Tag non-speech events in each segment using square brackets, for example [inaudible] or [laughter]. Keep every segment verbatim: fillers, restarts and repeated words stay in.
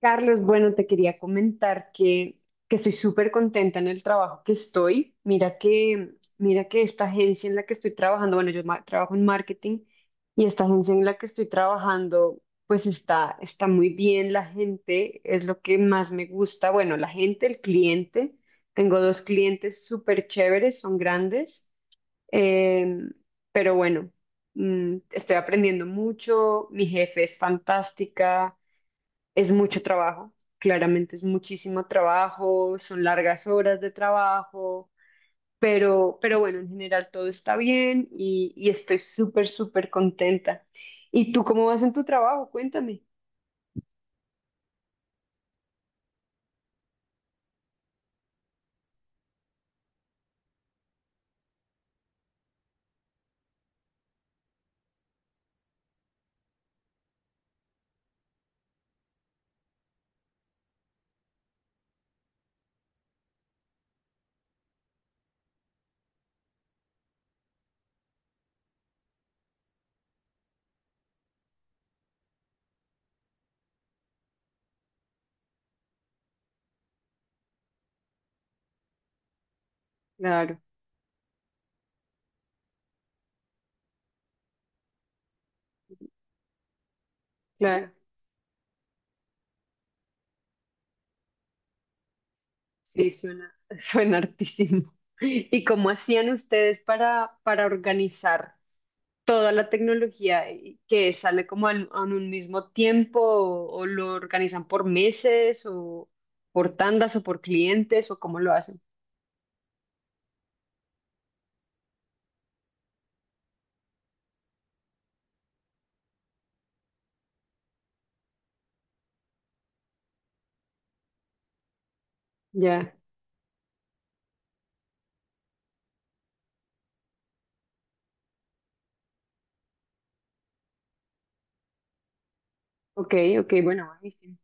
Carlos, bueno, te quería comentar que, que estoy súper contenta en el trabajo que estoy. Mira que, mira que esta agencia en la que estoy trabajando, bueno, yo ma- trabajo en marketing y esta agencia en la que estoy trabajando, pues está, está muy bien la gente, es lo que más me gusta. Bueno, la gente, el cliente. Tengo dos clientes súper chéveres, son grandes, em, pero bueno, mm, estoy aprendiendo mucho, mi jefe es fantástica. Es mucho trabajo, claramente es muchísimo trabajo, son largas horas de trabajo, pero, pero bueno, en general todo está bien y, y estoy súper, súper contenta. ¿Y tú cómo vas en tu trabajo? Cuéntame. Claro, claro, sí, suena, [laughs] suena hartísimo. ¿Y cómo hacían ustedes para, para organizar toda la tecnología y- que sale como en, en un mismo tiempo o, o lo organizan por meses o por tandas o por clientes o cómo lo hacen. Ya, ok, ok, bueno, buenísimo.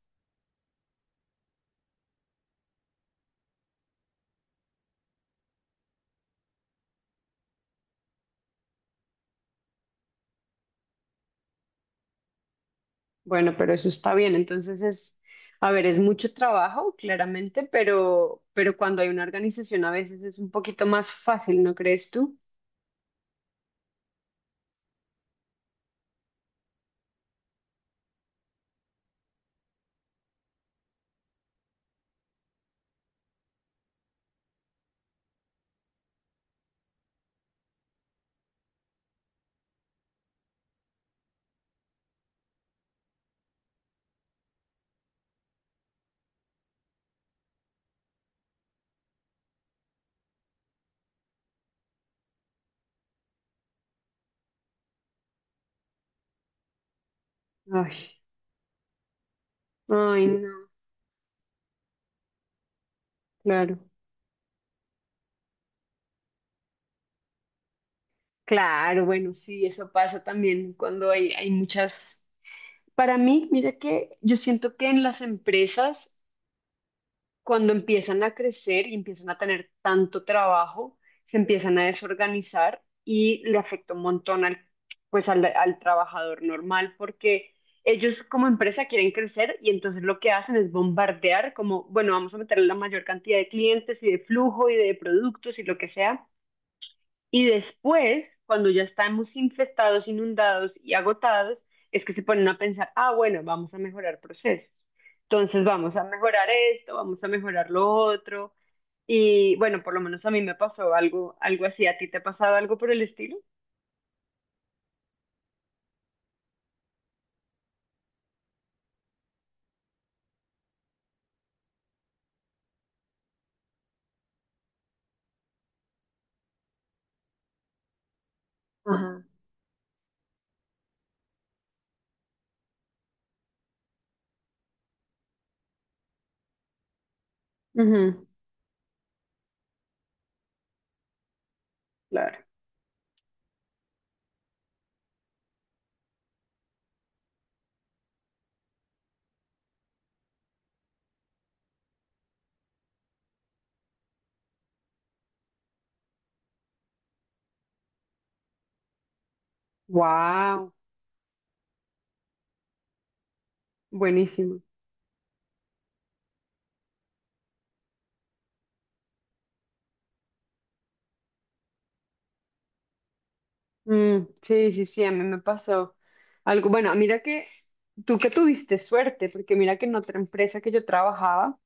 Bueno, pero eso está bien. Entonces es, a ver, es mucho trabajo, claramente, pero, pero cuando hay una organización a veces es un poquito más fácil, ¿no crees tú? Ay, ay, no, claro. Claro, bueno, sí, eso pasa también cuando hay, hay muchas. Para mí, mira que yo siento que en las empresas, cuando empiezan a crecer y empiezan a tener tanto trabajo, se empiezan a desorganizar y le afecta un montón al, pues al, al trabajador normal, porque ellos como empresa quieren crecer y entonces lo que hacen es bombardear como, bueno, vamos a meter la mayor cantidad de clientes y de flujo y de productos y lo que sea. Y después, cuando ya estamos infestados, inundados y agotados, es que se ponen a pensar, ah, bueno, vamos a mejorar procesos. Entonces vamos a mejorar esto, vamos a mejorar lo otro. Y bueno, por lo menos a mí me pasó algo, algo así. ¿A ti te ha pasado algo por el estilo? Ajá. Ujú, claro. Wow, buenísimo. Mm, sí, sí, sí, a mí me pasó algo. Bueno, mira que tú que tuviste suerte, porque mira que en otra empresa que yo trabajaba,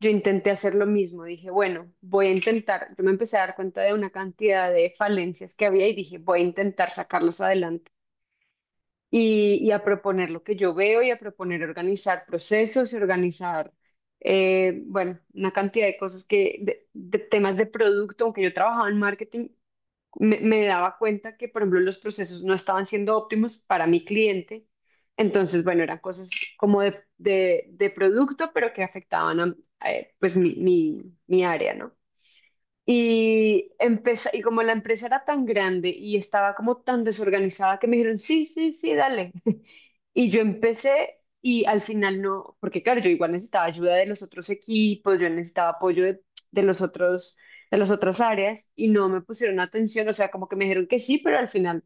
yo intenté hacer lo mismo, dije, bueno, voy a intentar, yo me empecé a dar cuenta de una cantidad de falencias que había y dije, voy a intentar sacarlos adelante y, y a proponer lo que yo veo y a proponer organizar procesos y organizar, eh, bueno, una cantidad de cosas que, de, de temas de producto, aunque yo trabajaba en marketing, me, me daba cuenta que, por ejemplo, los procesos no estaban siendo óptimos para mi cliente. Entonces, bueno, eran cosas como de, de, de producto, pero que afectaban a, eh, pues mi, mi, mi área, ¿no? Y, empeza- y como la empresa era tan grande y estaba como tan desorganizada que me dijeron, sí, sí, sí, dale, y yo empecé y al final no, porque claro, yo igual necesitaba ayuda de los otros equipos, yo necesitaba apoyo de, de los otros, de las otras áreas y no me pusieron atención, o sea, como que me dijeron que sí, pero al final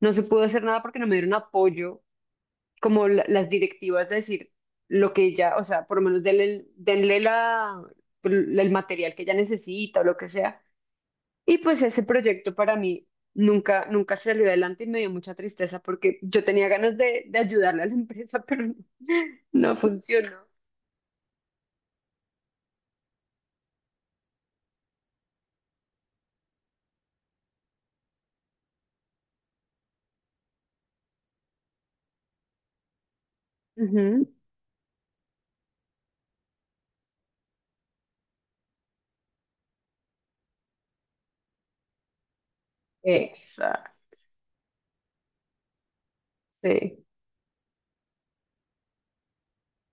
no se pudo hacer nada porque no me dieron apoyo, como la- las directivas de decir lo que ella, o sea, por lo menos denle, denle la, el material que ella necesita o lo que sea y pues ese proyecto para mí nunca, nunca salió adelante y me dio mucha tristeza porque yo tenía ganas de, de ayudarle a la empresa, [laughs] pero no, no funcionó. Ujú. Exacto. Sí.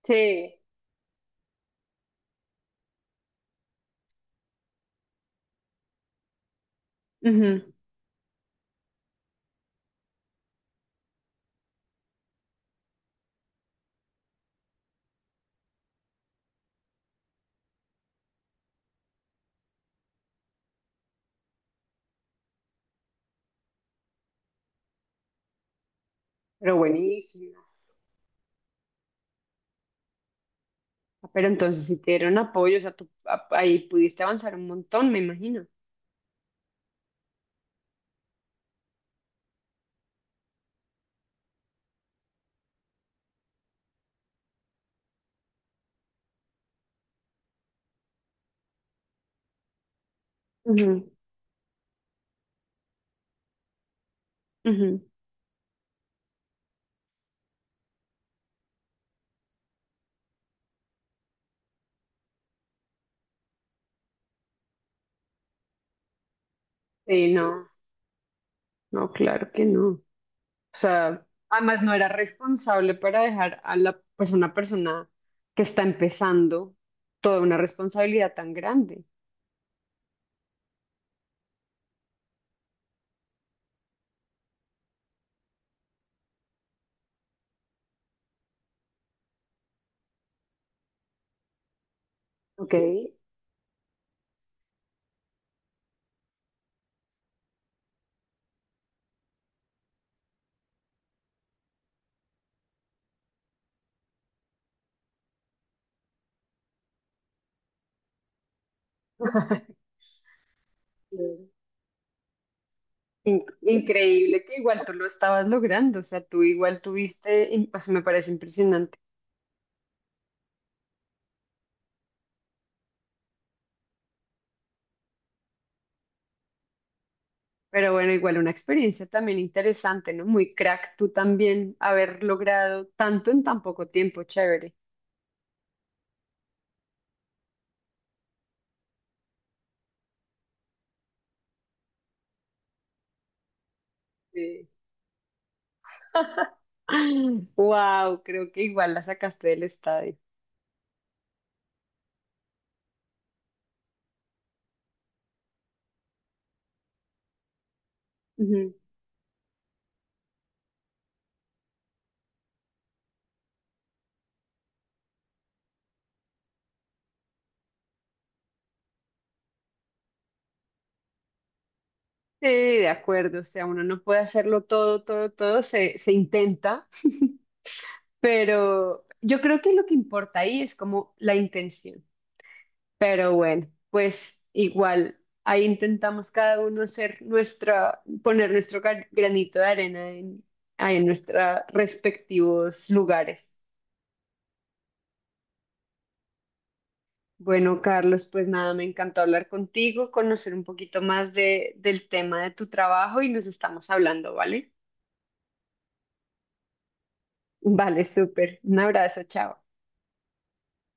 Sí. Ujú. Pero buenísimo. Ah, pero entonces si te dieron apoyo, o sea, tú a- ahí pudiste avanzar un montón, me imagino. Ujú, ujú. Sí, no, no, claro que no. O sea, además no era responsable para dejar a la, pues una persona que está empezando toda una responsabilidad tan grande. Ok. [laughs] In- increíble que igual tú lo estabas logrando, o sea, tú igual tuviste, y, pues me parece impresionante. Pero bueno, igual una experiencia también interesante, ¿no? Muy crack tú también haber logrado tanto en tan poco tiempo, chévere. Sí. [laughs] Wow, creo que igual la sacaste del estadio. Sí, de acuerdo, o sea, uno no puede hacerlo todo, todo, todo, se, se intenta, pero yo creo que lo que importa ahí es como la intención. Pero bueno, pues igual, ahí intentamos cada uno hacer nuestra, poner nuestro gra- granito de arena en, ahí en nuestros respectivos lugares. Bueno, Carlos, pues nada, me encantó hablar contigo, conocer un poquito más de, del tema de tu trabajo y nos estamos hablando, ¿vale? Vale, súper. Un abrazo, chao.